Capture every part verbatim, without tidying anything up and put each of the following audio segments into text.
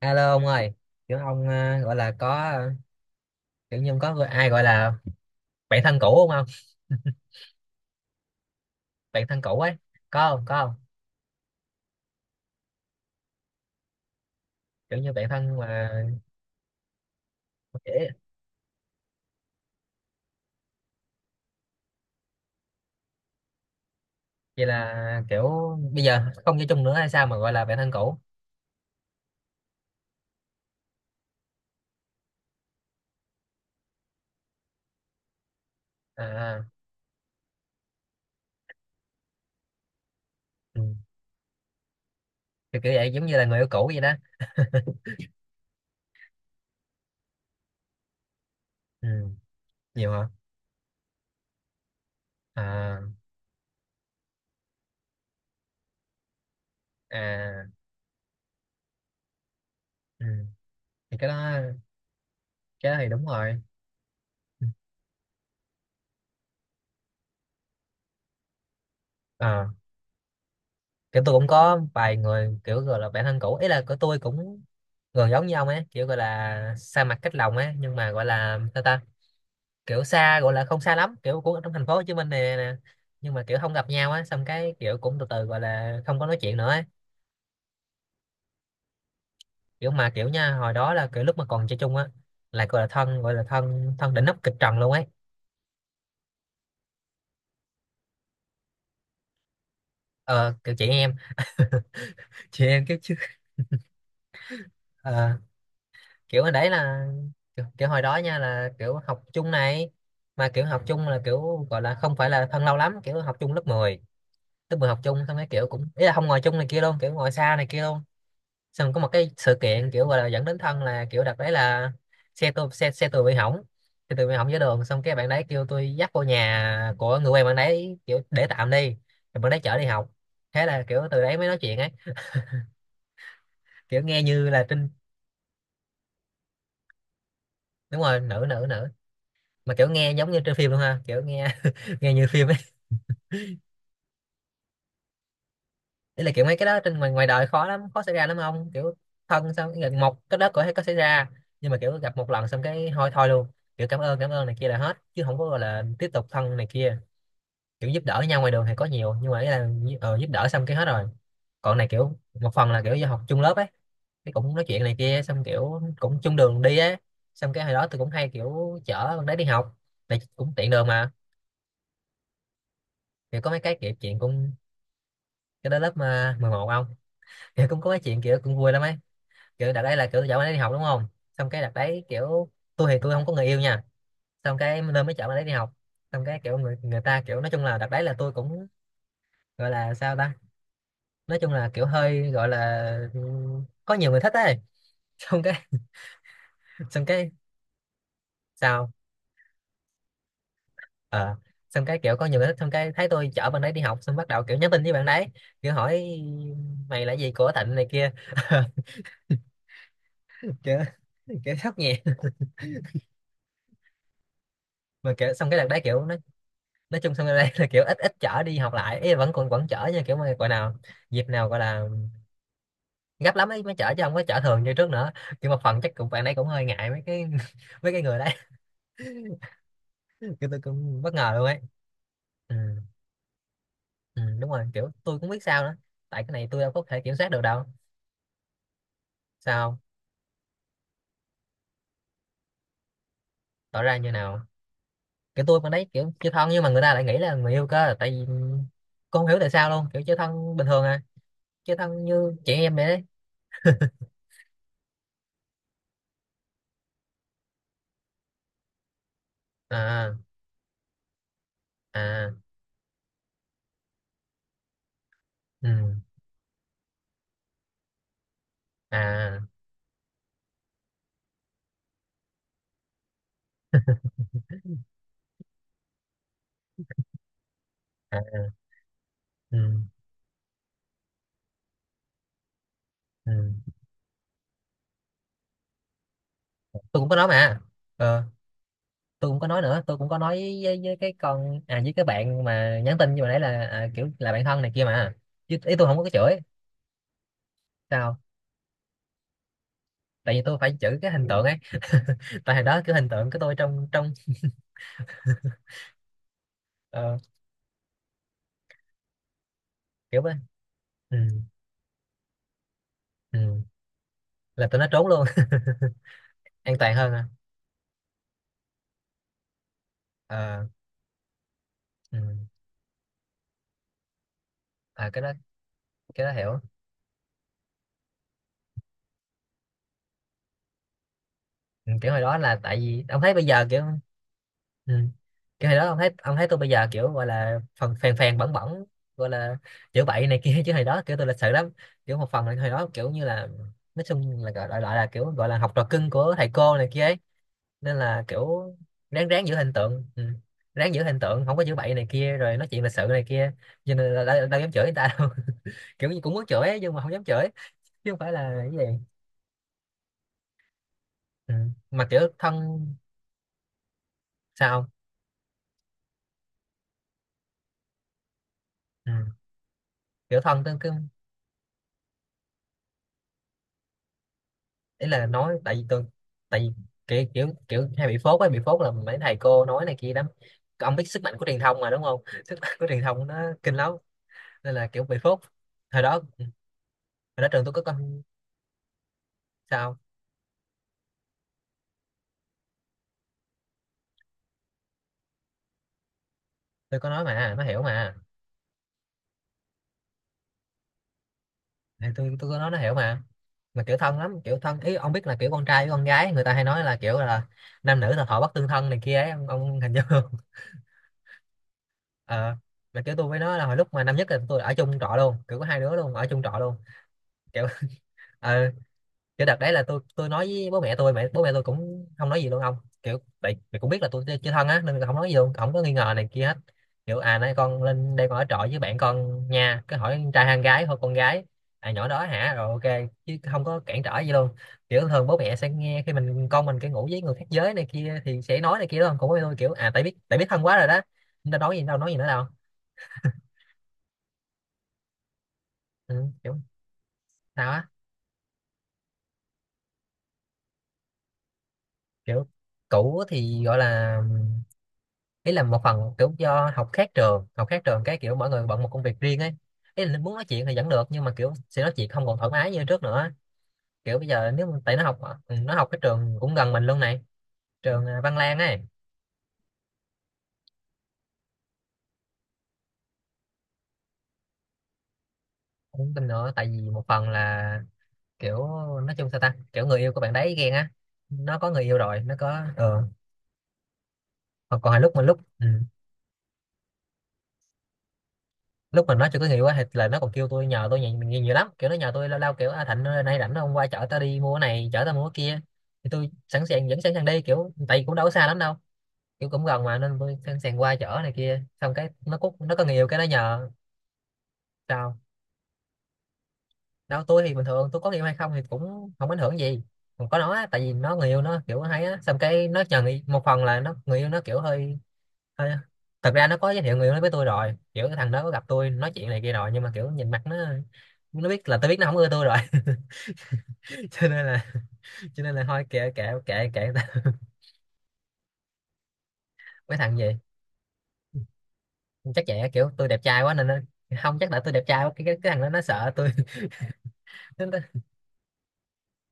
Alo ông ơi, kiểu ông ờ, gọi là có ờ, kiểu như ông có người- ai gọi là bạn thân cũ không không? Bạn thân cũ ấy, có không? Có không? Kiểu như bạn thân mà dễ- vậy là kiểu bây giờ không chơi chung nữa hay sao mà gọi là bạn thân cũ? À, à, ừ. Kiểu kiểu vậy giống như là người yêu cũ vậy đó. Ừ, nhiều hả? À, à, ừ. Thì cái đó cái đó thì đúng rồi. Ừ, ờ, kiểu tôi cũng có vài người kiểu gọi là bạn thân cũ, ý là của tôi cũng gần giống như ông ấy, kiểu gọi là xa mặt cách lòng ấy, nhưng mà gọi là ta ta kiểu xa, gọi là không xa lắm, kiểu cũng ở trong thành phố Hồ Chí Minh này nè nè. Nhưng mà kiểu không gặp nhau á, xong cái kiểu cũng từ từ gọi là không có nói chuyện nữa ấy. Kiểu mà kiểu nha, hồi đó là kiểu lúc mà còn chơi chung á là gọi là thân, gọi là thân thân đỉnh nóc kịch trần luôn ấy. Ờ kiểu chị em, chị em kiểu chứ. Ờ, kiểu hồi đấy là kiểu, kiểu hồi đó nha là kiểu học chung này, mà kiểu học chung là kiểu gọi là không phải là thân lâu lắm, kiểu học chung lớp mười. Lớp mười học chung xong cái kiểu cũng ý là không ngồi chung này kia luôn, kiểu ngồi xa này kia luôn. Xong có một cái sự kiện kiểu gọi là dẫn đến thân là kiểu đợt đấy là xe tôi xe xe tôi bị hỏng, xe tôi bị hỏng dưới đường, xong cái bạn đấy kêu tôi dắt vô nhà của người quen bạn đấy kiểu để tạm đi, rồi bạn đấy chở đi học. Thế là kiểu từ đấy mới nói chuyện ấy. Kiểu nghe như là trinh. Đúng rồi, nữ nữ nữ, mà kiểu nghe giống như trên phim luôn ha, kiểu nghe nghe như phim ấy. Đấy là kiểu mấy cái đó trên ngoài ngoài đời khó lắm, khó xảy ra lắm ông, kiểu thân xong cái một cái đó có thể có xảy ra, nhưng mà kiểu gặp một lần xong cái thôi thôi luôn, kiểu cảm ơn cảm ơn này kia là hết, chứ không có gọi là tiếp tục thân này kia. Kiểu giúp đỡ nhau ngoài đường thì có nhiều, nhưng mà ý là ờ, giúp đỡ xong cái hết rồi. Còn này kiểu một phần là kiểu do học chung lớp ấy, cái cũng nói chuyện này kia, xong kiểu cũng chung đường đi á, xong cái hồi đó tôi cũng hay kiểu chở con đấy đi học, tại cũng tiện đường mà. Thì có mấy cái kiểu chuyện cũng cái đó lớp mà mười một ông, kiểu cũng có cái chuyện kiểu cũng vui lắm ấy. Kiểu đợt đấy là kiểu tôi chở bạn ấy đi học đúng không, xong cái đợt đấy kiểu tôi thì tôi không có người yêu nha, xong cái nên mới chở bạn ấy đi học. Xong cái kiểu người người ta kiểu nói chung là đợt đấy là tôi cũng gọi là sao ta, nói chung là kiểu hơi gọi là ừm, có nhiều người thích ấy, xong cái xong cái sao ờ, xong cái kiểu có nhiều người thích, xong cái thấy tôi chở bạn ấy đi học xong bắt đầu kiểu nhắn tin với bạn đấy, kiểu hỏi mày là gì của Thịnh này kia. Kiểu kiểu sốc nhẹ, mà kiểu xong cái đợt đấy kiểu nó nói chung xong sân đây, là kiểu ít ít chở đi học lại, ý là vẫn còn vẫn chở nha, kiểu mà gọi nào dịp nào gọi là gấp lắm ấy mới chở, chứ không có chở thường như trước nữa. Kiểu một phần chắc cũng bạn ấy cũng hơi ngại mấy cái, mấy cái người đấy. Kiểu tôi cũng bất ngờ luôn ấy. Ừ, ừ, đúng rồi kiểu tôi cũng biết sao nữa, tại cái này tôi đâu có thể kiểm soát được đâu. Sao không? Tỏ ra như nào? Kiểu tôi con đấy kiểu chơi thân, nhưng mà người ta lại nghĩ là người yêu cơ, tại vì con không hiểu tại sao luôn, kiểu chơi thân bình thường à, chơi thân như chị em vậy đấy. À à, ừ, à à, ừ. Ừ. Tôi cũng có nói mà. Ờ, tôi cũng có nói nữa, tôi cũng có nói với, với cái con à với cái bạn mà nhắn tin như hồi nãy là à, kiểu là bạn thân này kia mà, chứ ý tôi không có cái chửi. Sao? Tại vì tôi phải chửi cái hình tượng ấy, tại hồi đó kiểu hình tượng của tôi trong trong ờ, kiểu ấy. Ừ, ừ. Là tôi nó trốn luôn. An toàn hơn à. Ờ, ừ. À, cái đó cái đó hiểu. Ừ, kiểu hồi đó là tại vì ông thấy bây giờ kiểu ừ, kiểu hồi đó ông thấy ông thấy tôi bây giờ kiểu gọi là phần phèn phèn bẩn bẩn, gọi là chữa bậy này kia, chứ hồi đó kiểu tôi lịch sự lắm. Kiểu một phần là hồi đó kiểu như là nói chung là gọi, gọi là kiểu gọi là học trò cưng của thầy cô này kia ấy, nên là kiểu ráng ráng giữ hình tượng. Ừ, ráng giữ hình tượng, không có chữa bậy này kia rồi nói chuyện lịch sự này kia, cho nên là đâu, đâu dám chửi người ta đâu, kiểu như cũng muốn chửi ấy, nhưng mà không dám chửi chứ không phải là cái gì. Ừ, mà kiểu thân. Sao không? Ừ, kiểu thân tôi cứ ý là nói tại vì tôi, tại vì kiểu kiểu kiểu hay bị phốt ấy, bị phốt là mấy thầy cô nói này kia lắm. Ông biết sức mạnh của truyền thông mà đúng không, sức mạnh của truyền thông nó kinh lắm, nên là kiểu bị phốt. Hồi đó hồi đó trường tôi có con. Sao? Tôi có nói mà nó hiểu mà. Thì tôi tôi có nói nó hiểu mà mà kiểu thân lắm, kiểu thân ý ông biết là kiểu con trai với con gái người ta hay nói là kiểu là nam nữ là thọ bất tương thân này kia ấy ông, ông hình dung không? Ờ, mà kiểu tôi với nó là hồi lúc mà năm nhất là tôi ở chung trọ luôn, kiểu có hai đứa luôn ở chung trọ luôn kiểu. Ờ, kiểu đợt đấy là tôi tôi nói với bố mẹ tôi, mẹ bố mẹ tôi cũng không nói gì luôn ông. Kiểu tại mẹ cũng biết là tôi chưa, chưa thân á nên là không nói gì luôn, không có nghi ngờ này kia hết. Kiểu à nay con lên đây con ở trọ với bạn con nha, cứ hỏi con trai hay con gái, thôi con gái, à nhỏ đó hả, rồi ok, chứ không có cản trở gì luôn. Kiểu thường bố mẹ sẽ nghe khi mình con mình cái ngủ với người khác giới này kia thì sẽ nói này kia đó, cũng bố mẹ tôi kiểu à tại biết tại biết thân quá rồi đó, nên đâu nói gì đâu nói gì nữa đâu. Ừ, kiểu sao á. Kiểu cũ thì gọi là ý là một phần kiểu do học khác trường học khác trường, cái kiểu mỗi người bận một công việc riêng ấy, ý là muốn nói chuyện thì vẫn được nhưng mà kiểu sẽ nói chuyện không còn thoải mái như trước nữa. Kiểu bây giờ nếu mà- tại nó học. Ừ, nó học cái trường cũng gần mình luôn này, trường à, Văn Lang ấy. Cũng tin nữa tại vì một phần là kiểu nói chung sao ta kiểu người yêu của bạn đấy ghen á, nó có người yêu rồi nó có ờ. Còn còn hồi lúc mà lúc ừ, lúc mà nói cho cái người quá thì là nó còn kêu tôi nhờ tôi nhiều, nhiều, nhiều lắm kiểu nó nhờ tôi lao lao kiểu à, Thạnh ơi, nay rảnh không qua chở tao đi mua cái này chở tao mua cái kia, thì tôi sẵn sàng vẫn sẵn sàng đi kiểu tại vì cũng đâu có xa lắm đâu, kiểu cũng gần mà nên tôi sẵn sàng qua chở này kia, xong cái nó cút nó có người yêu cái nó nhờ. Sao? Đâu tôi thì bình thường tôi có người yêu hay không thì cũng không ảnh hưởng gì, còn có nó á, tại vì nó người yêu nó kiểu hay á xong cái nó nhờ người, một phần là nó người yêu nó kiểu hơi. Thôi, thật ra nó có giới thiệu người yêu nó với tôi rồi, kiểu cái thằng đó có gặp tôi nói chuyện này kia rồi, nhưng mà kiểu nhìn mặt nó nó biết là tôi biết nó không ưa tôi rồi. Cho nên là cho nên là thôi kệ kệ kệ kệ người ta. Mấy thằng gì? Chắc vậy á, kiểu tôi đẹp trai quá nên nó không, chắc là tôi đẹp trai quá cái cái, cái thằng đó nó sợ tôi. Nó- nó-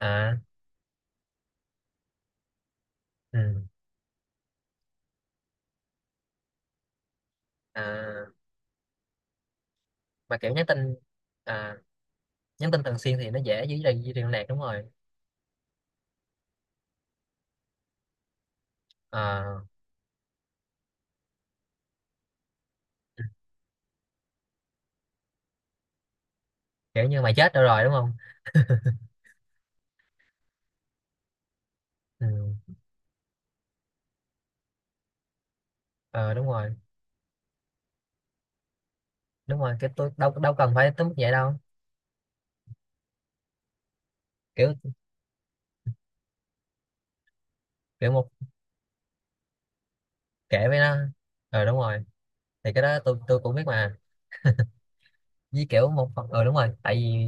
à, ừ, à, mà kiểu nhắn tin à, nhắn tin thường xuyên thì nó dễ giữ duy trì liên lạc đúng rồi. À, kiểu như mày chết đâu rồi đúng không. Ừ, ờ, đúng rồi, đúng rồi kiểu tôi đâu đâu cần phải tới mức vậy đâu. Kiểu kiểu một kể với nó. Ờ đúng rồi, thì cái đó tôi tôi cũng biết mà, với kiểu một phần ờ đúng rồi tại vì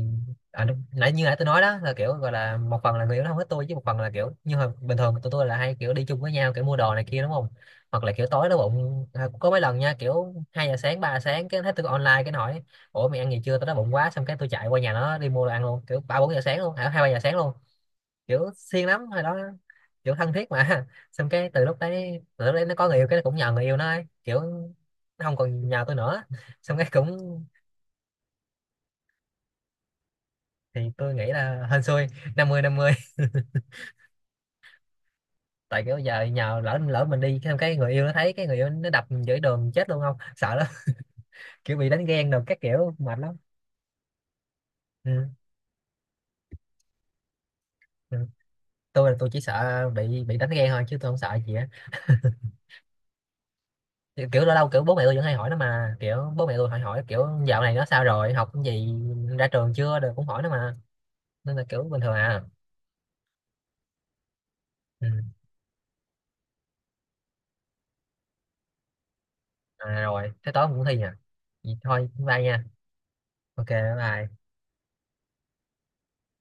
à, đúng, nãy như nãy tôi nói đó là kiểu gọi là một phần là người yêu nó không thích tôi, chứ một phần là kiểu như hồi bình thường tụi tôi là hay kiểu đi chung với nhau kiểu mua đồ này kia đúng không, hoặc là kiểu tối đói bụng à, có mấy lần nha kiểu hai giờ sáng ba giờ sáng cái thấy tôi online cái nó hỏi ủa mày ăn gì chưa tao đói bụng quá, xong cái tôi chạy qua nhà nó đi mua đồ ăn luôn kiểu ba bốn giờ sáng luôn à, hai ba giờ sáng luôn. Kiểu siêng lắm hồi đó, kiểu thân thiết mà, xong cái từ lúc đấy từ lúc đấy nó có người yêu cái nó cũng nhờ người yêu nó ấy. Kiểu nó không còn nhờ tôi nữa, xong cái cũng thì tôi nghĩ là hên xui năm mươi năm mươi. Tại kiểu giờ nhờ lỡ lỡ mình đi xong cái người yêu nó thấy cái người yêu nó đập mình giữa đường chết luôn không sợ lắm, kiểu bị đánh ghen đồ các kiểu mệt lắm. Ừ. Ừ. Tôi là tôi chỉ sợ bị bị đánh ghen thôi chứ tôi không sợ gì á. Kiểu kiểu lâu lâu kiểu bố mẹ tôi vẫn hay hỏi nó mà, kiểu bố mẹ tôi hỏi hỏi kiểu dạo này nó sao rồi học cái gì ra trường chưa rồi cũng hỏi nó mà, nên là kiểu bình thường à. Ừ. À rồi thế tối cũng thi à, vậy thôi bye nha. Ok. Bye.